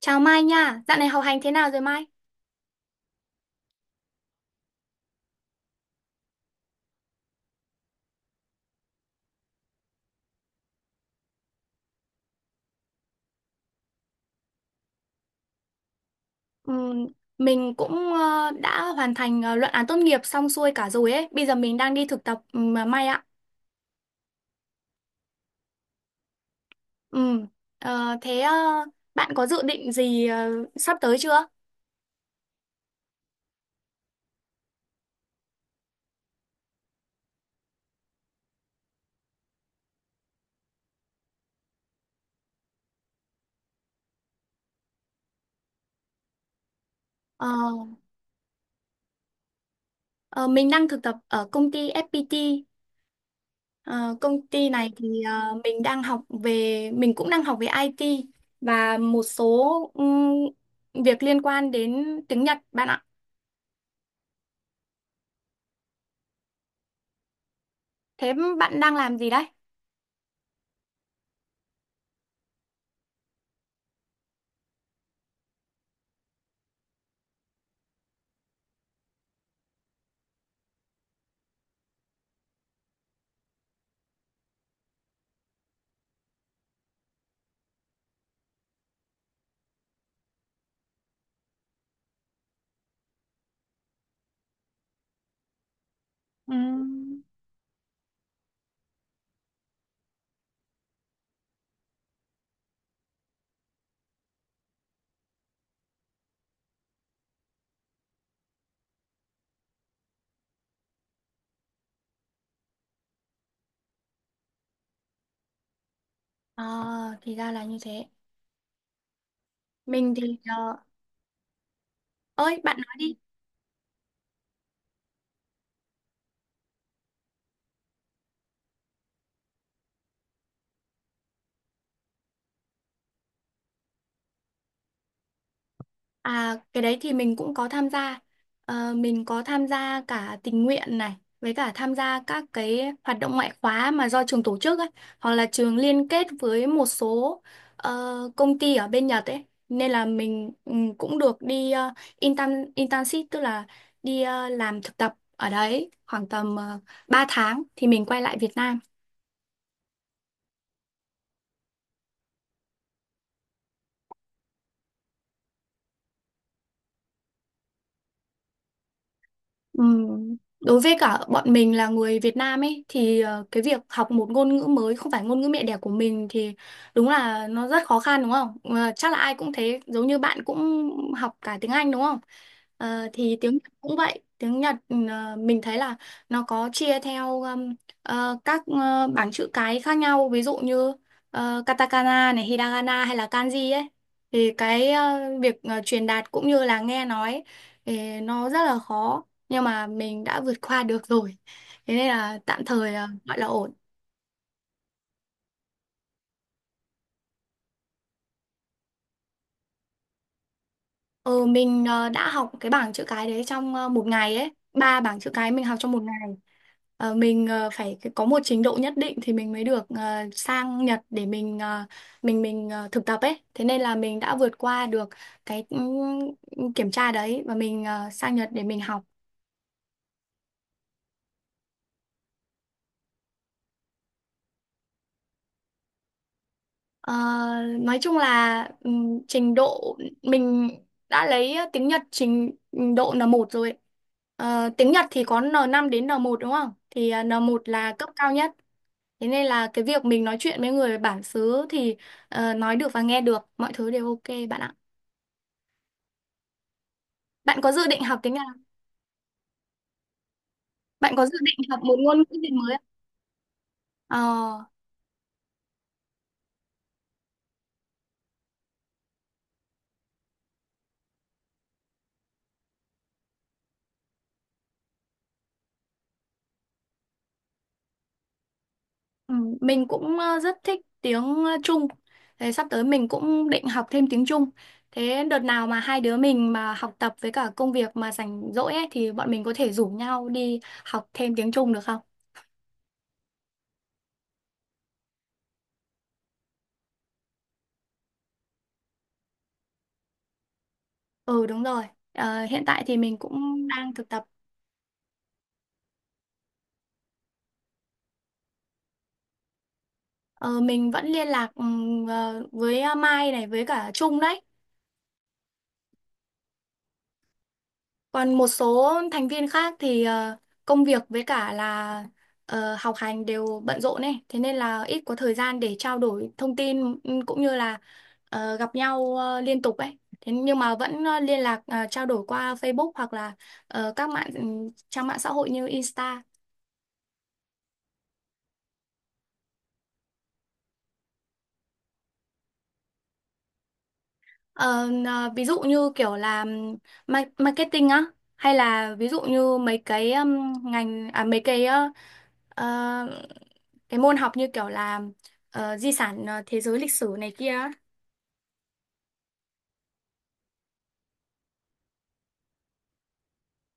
Chào Mai nha, dạo này học hành thế nào rồi Mai? Ừm, mình cũng đã hoàn thành luận án tốt nghiệp xong xuôi cả rồi ấy. Bây giờ mình đang đi thực tập mà Mai ạ. Ừm, ờ, thế ờ, Bạn có dự định gì sắp tới chưa? Ờ, ờ, mình đang thực tập ở công ty FPT. Ờ, Công ty này thì mình cũng đang học về IT và một số việc liên quan đến tiếng Nhật bạn ạ. Thế bạn đang làm gì đấy? Ừ, ờ thì ra là như thế. Mình thì ơi bạn nói đi. À cái đấy thì mình cũng có tham gia. Ờ, mình có tham gia cả tình nguyện này với cả tham gia các cái hoạt động ngoại khóa mà do trường tổ chức ấy, hoặc là trường liên kết với một số công ty ở bên Nhật ấy. Nên là mình cũng được đi intern internship tức là đi làm thực tập ở đấy khoảng tầm 3 tháng thì mình quay lại Việt Nam. Ừm, Đối với cả bọn mình là người Việt Nam ấy thì cái việc học một ngôn ngữ mới không phải ngôn ngữ mẹ đẻ của mình thì đúng là nó rất khó khăn đúng không? Ờ, chắc là ai cũng thế, giống như bạn cũng học cả tiếng Anh đúng không? Ờ, thì tiếng Nhật cũng vậy, tiếng Nhật mình thấy là nó có chia theo các bảng chữ cái khác nhau, ví dụ như katakana này, hiragana hay là kanji ấy. Thì cái việc truyền đạt cũng như là nghe nói ấy, thì nó rất là khó nhưng mà mình đã vượt qua được rồi, thế nên là tạm thời là gọi là ổn. Ừ mình đã học cái bảng chữ cái đấy trong một ngày ấy, ba bảng chữ cái mình học trong một ngày. Ờ, mình phải có một trình độ nhất định thì mình mới được sang Nhật để mình thực tập ấy, thế nên là mình đã vượt qua được cái kiểm tra đấy và mình sang Nhật để mình học. Ờ, nói chung là trình độ mình đã lấy tiếng Nhật trình độ N1 rồi ấy. Ờ, tiếng Nhật thì có N5 đến N1 đúng không? Thì à, N1 là cấp cao nhất. Thế nên là cái việc mình nói chuyện với người bản xứ thì nói được và nghe được, mọi thứ đều ok bạn ạ. Bạn có dự định học tiếng Nhật không? Bạn có dự định học một ngôn ngữ gì mới không? Ờ, ừ, mình cũng rất thích tiếng Trung. Thế sắp tới mình cũng định học thêm tiếng Trung. Thế đợt nào mà hai đứa mình mà học tập với cả công việc mà rảnh rỗi ấy thì bọn mình có thể rủ nhau đi học thêm tiếng Trung được không? Ừ đúng rồi. Ờ, hiện tại thì mình cũng đang thực tập. Ờ, mình vẫn liên lạc với Mai này với cả Trung đấy. Còn một số thành viên khác thì công việc với cả là học hành đều bận rộn ấy, thế nên là ít có thời gian để trao đổi thông tin cũng như là gặp nhau liên tục ấy. Thế nhưng mà vẫn liên lạc trao đổi qua Facebook hoặc là ờ, các mạng ừ, trang mạng xã hội như Insta. Ờ, Ví dụ như kiểu là ma- marketing á, hay là ví dụ như mấy cái ngành à mấy cái ờ, cái môn học như kiểu là di sản thế giới, lịch sử này kia á.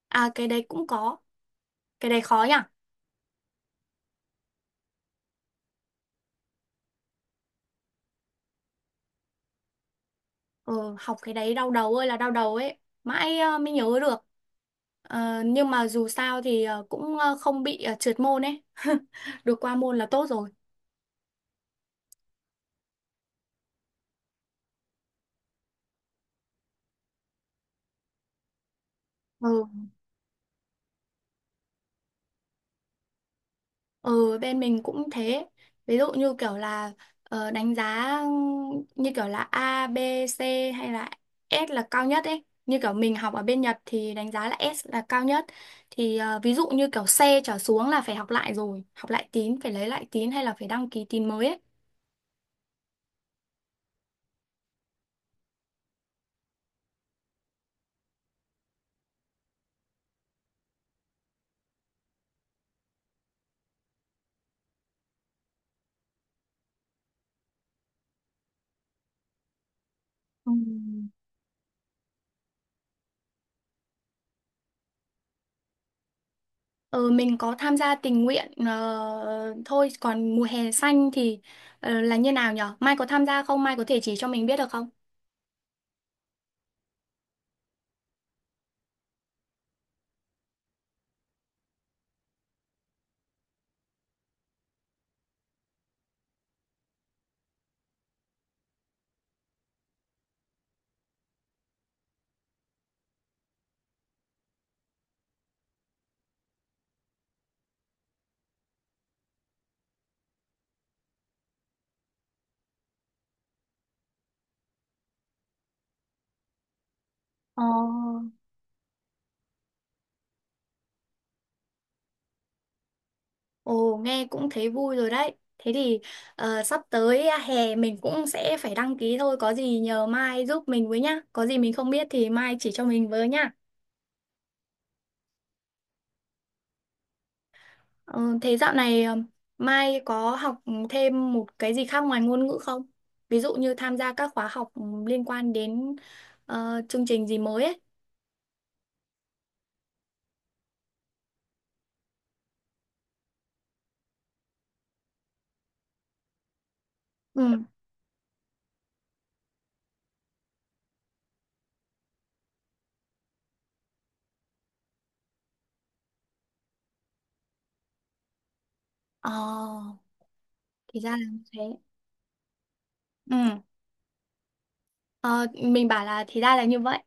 À cái đấy cũng có, cái đấy khó nhỉ. Ừ, Học cái đấy đau đầu ơi là đau đầu ấy, mãi mới nhớ được. Ờ, nhưng mà dù sao thì không bị trượt môn ấy được qua môn là tốt rồi. Ừ. Ừ, bên mình cũng thế. Ví dụ như kiểu là đánh giá như kiểu là A, B, C hay là S là cao nhất ấy. Như kiểu mình học ở bên Nhật thì đánh giá là S là cao nhất. Thì ví dụ như kiểu C trở xuống là phải học lại rồi. Học lại tín, phải lấy lại tín hay là phải đăng ký tín mới ấy. Ừ. Ừ, mình có tham gia tình nguyện thôi. Còn mùa hè xanh thì là như nào nhở? Mai có tham gia không? Mai có thể chỉ cho mình biết được không? Ờ. Ồ, nghe cũng thấy vui rồi đấy. Thế thì sắp tới hè mình cũng sẽ phải đăng ký thôi. Có gì nhờ Mai giúp mình với nhá. Có gì mình không biết thì Mai chỉ cho mình với nhá. Ờ, thế dạo này Mai có học thêm một cái gì khác ngoài ngôn ngữ không? Ví dụ như tham gia các khóa học liên quan đến chương trình gì mới ấy. Ừ. Ờ, thì ra là như thế. Ừ. Ờ, mình bảo là thì ra là như vậy.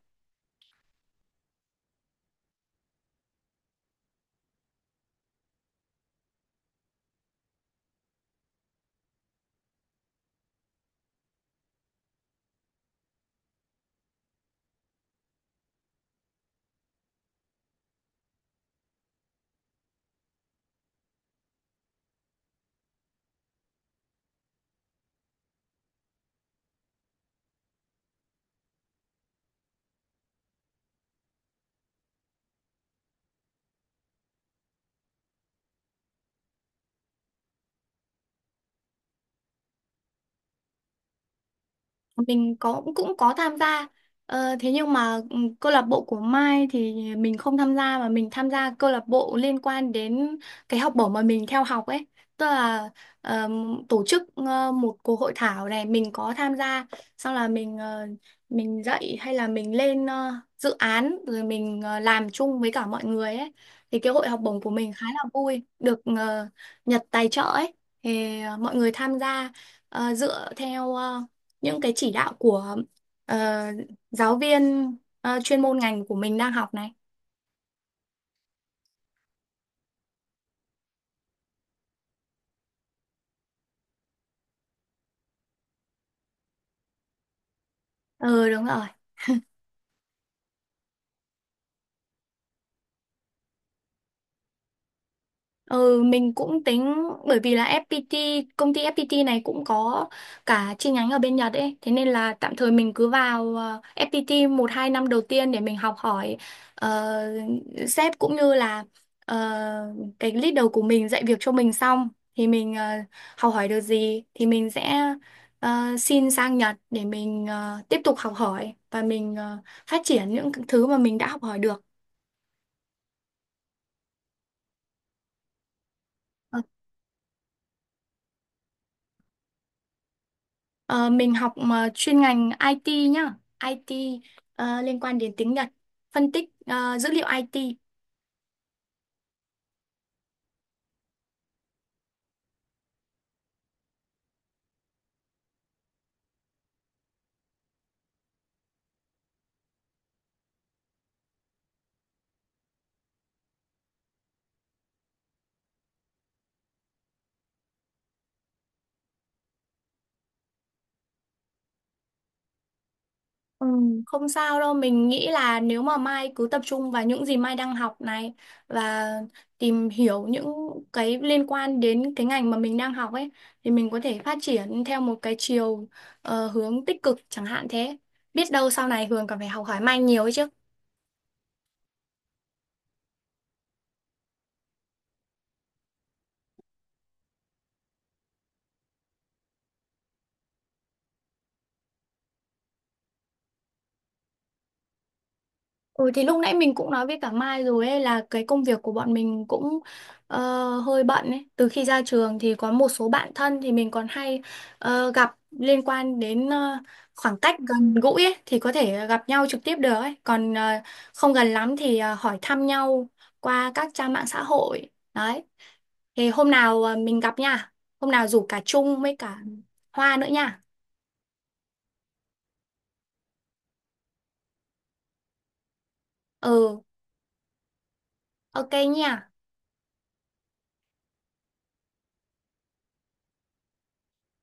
Mình cũng có tham gia, thế nhưng mà câu lạc bộ của Mai thì mình không tham gia, mà mình tham gia câu lạc bộ liên quan đến cái học bổng mà mình theo học ấy, tức là tổ chức một cuộc hội thảo này mình có tham gia, xong là mình mình dạy hay là mình lên dự án rồi mình làm chung với cả mọi người ấy. Thì cái hội học bổng của mình khá là vui, được Nhật tài trợ ấy, thì mọi người tham gia dựa theo những cái chỉ đạo của ờ, giáo viên chuyên môn ngành của mình đang học này. Ừ đúng rồi. Ừ, mình cũng tính, bởi vì là FPT công ty FPT này cũng có cả chi nhánh ở bên Nhật ấy, thế nên là tạm thời mình cứ vào FPT một hai năm đầu tiên để mình học hỏi ờ, sếp cũng như là ờ, cái leader của mình dạy việc cho mình, xong thì mình học hỏi được gì thì mình sẽ xin sang Nhật để mình tiếp tục học hỏi và mình phát triển những thứ mà mình đã học hỏi được. Ờ, mình học mà chuyên ngành IT nhá, IT ờ, liên quan đến tiếng Nhật, phân tích dữ liệu IT. Ừ, không sao đâu, mình nghĩ là nếu mà Mai cứ tập trung vào những gì Mai đang học này và tìm hiểu những cái liên quan đến cái ngành mà mình đang học ấy thì mình có thể phát triển theo một cái chiều hướng tích cực chẳng hạn thế. Biết đâu sau này Hường còn phải học hỏi Mai nhiều ấy chứ. Ừ thì lúc nãy mình cũng nói với cả Mai rồi ấy, là cái công việc của bọn mình cũng ờ, hơi bận ấy. Từ khi ra trường thì có một số bạn thân thì mình còn hay gặp, liên quan đến khoảng cách gần gũi ấy thì có thể gặp nhau trực tiếp được ấy. Còn không gần lắm thì hỏi thăm nhau qua các trang mạng xã hội. Đấy. Thì hôm nào mình gặp nha. Hôm nào rủ cả Trung với cả Hoa nữa nha. Ừ, ok nha.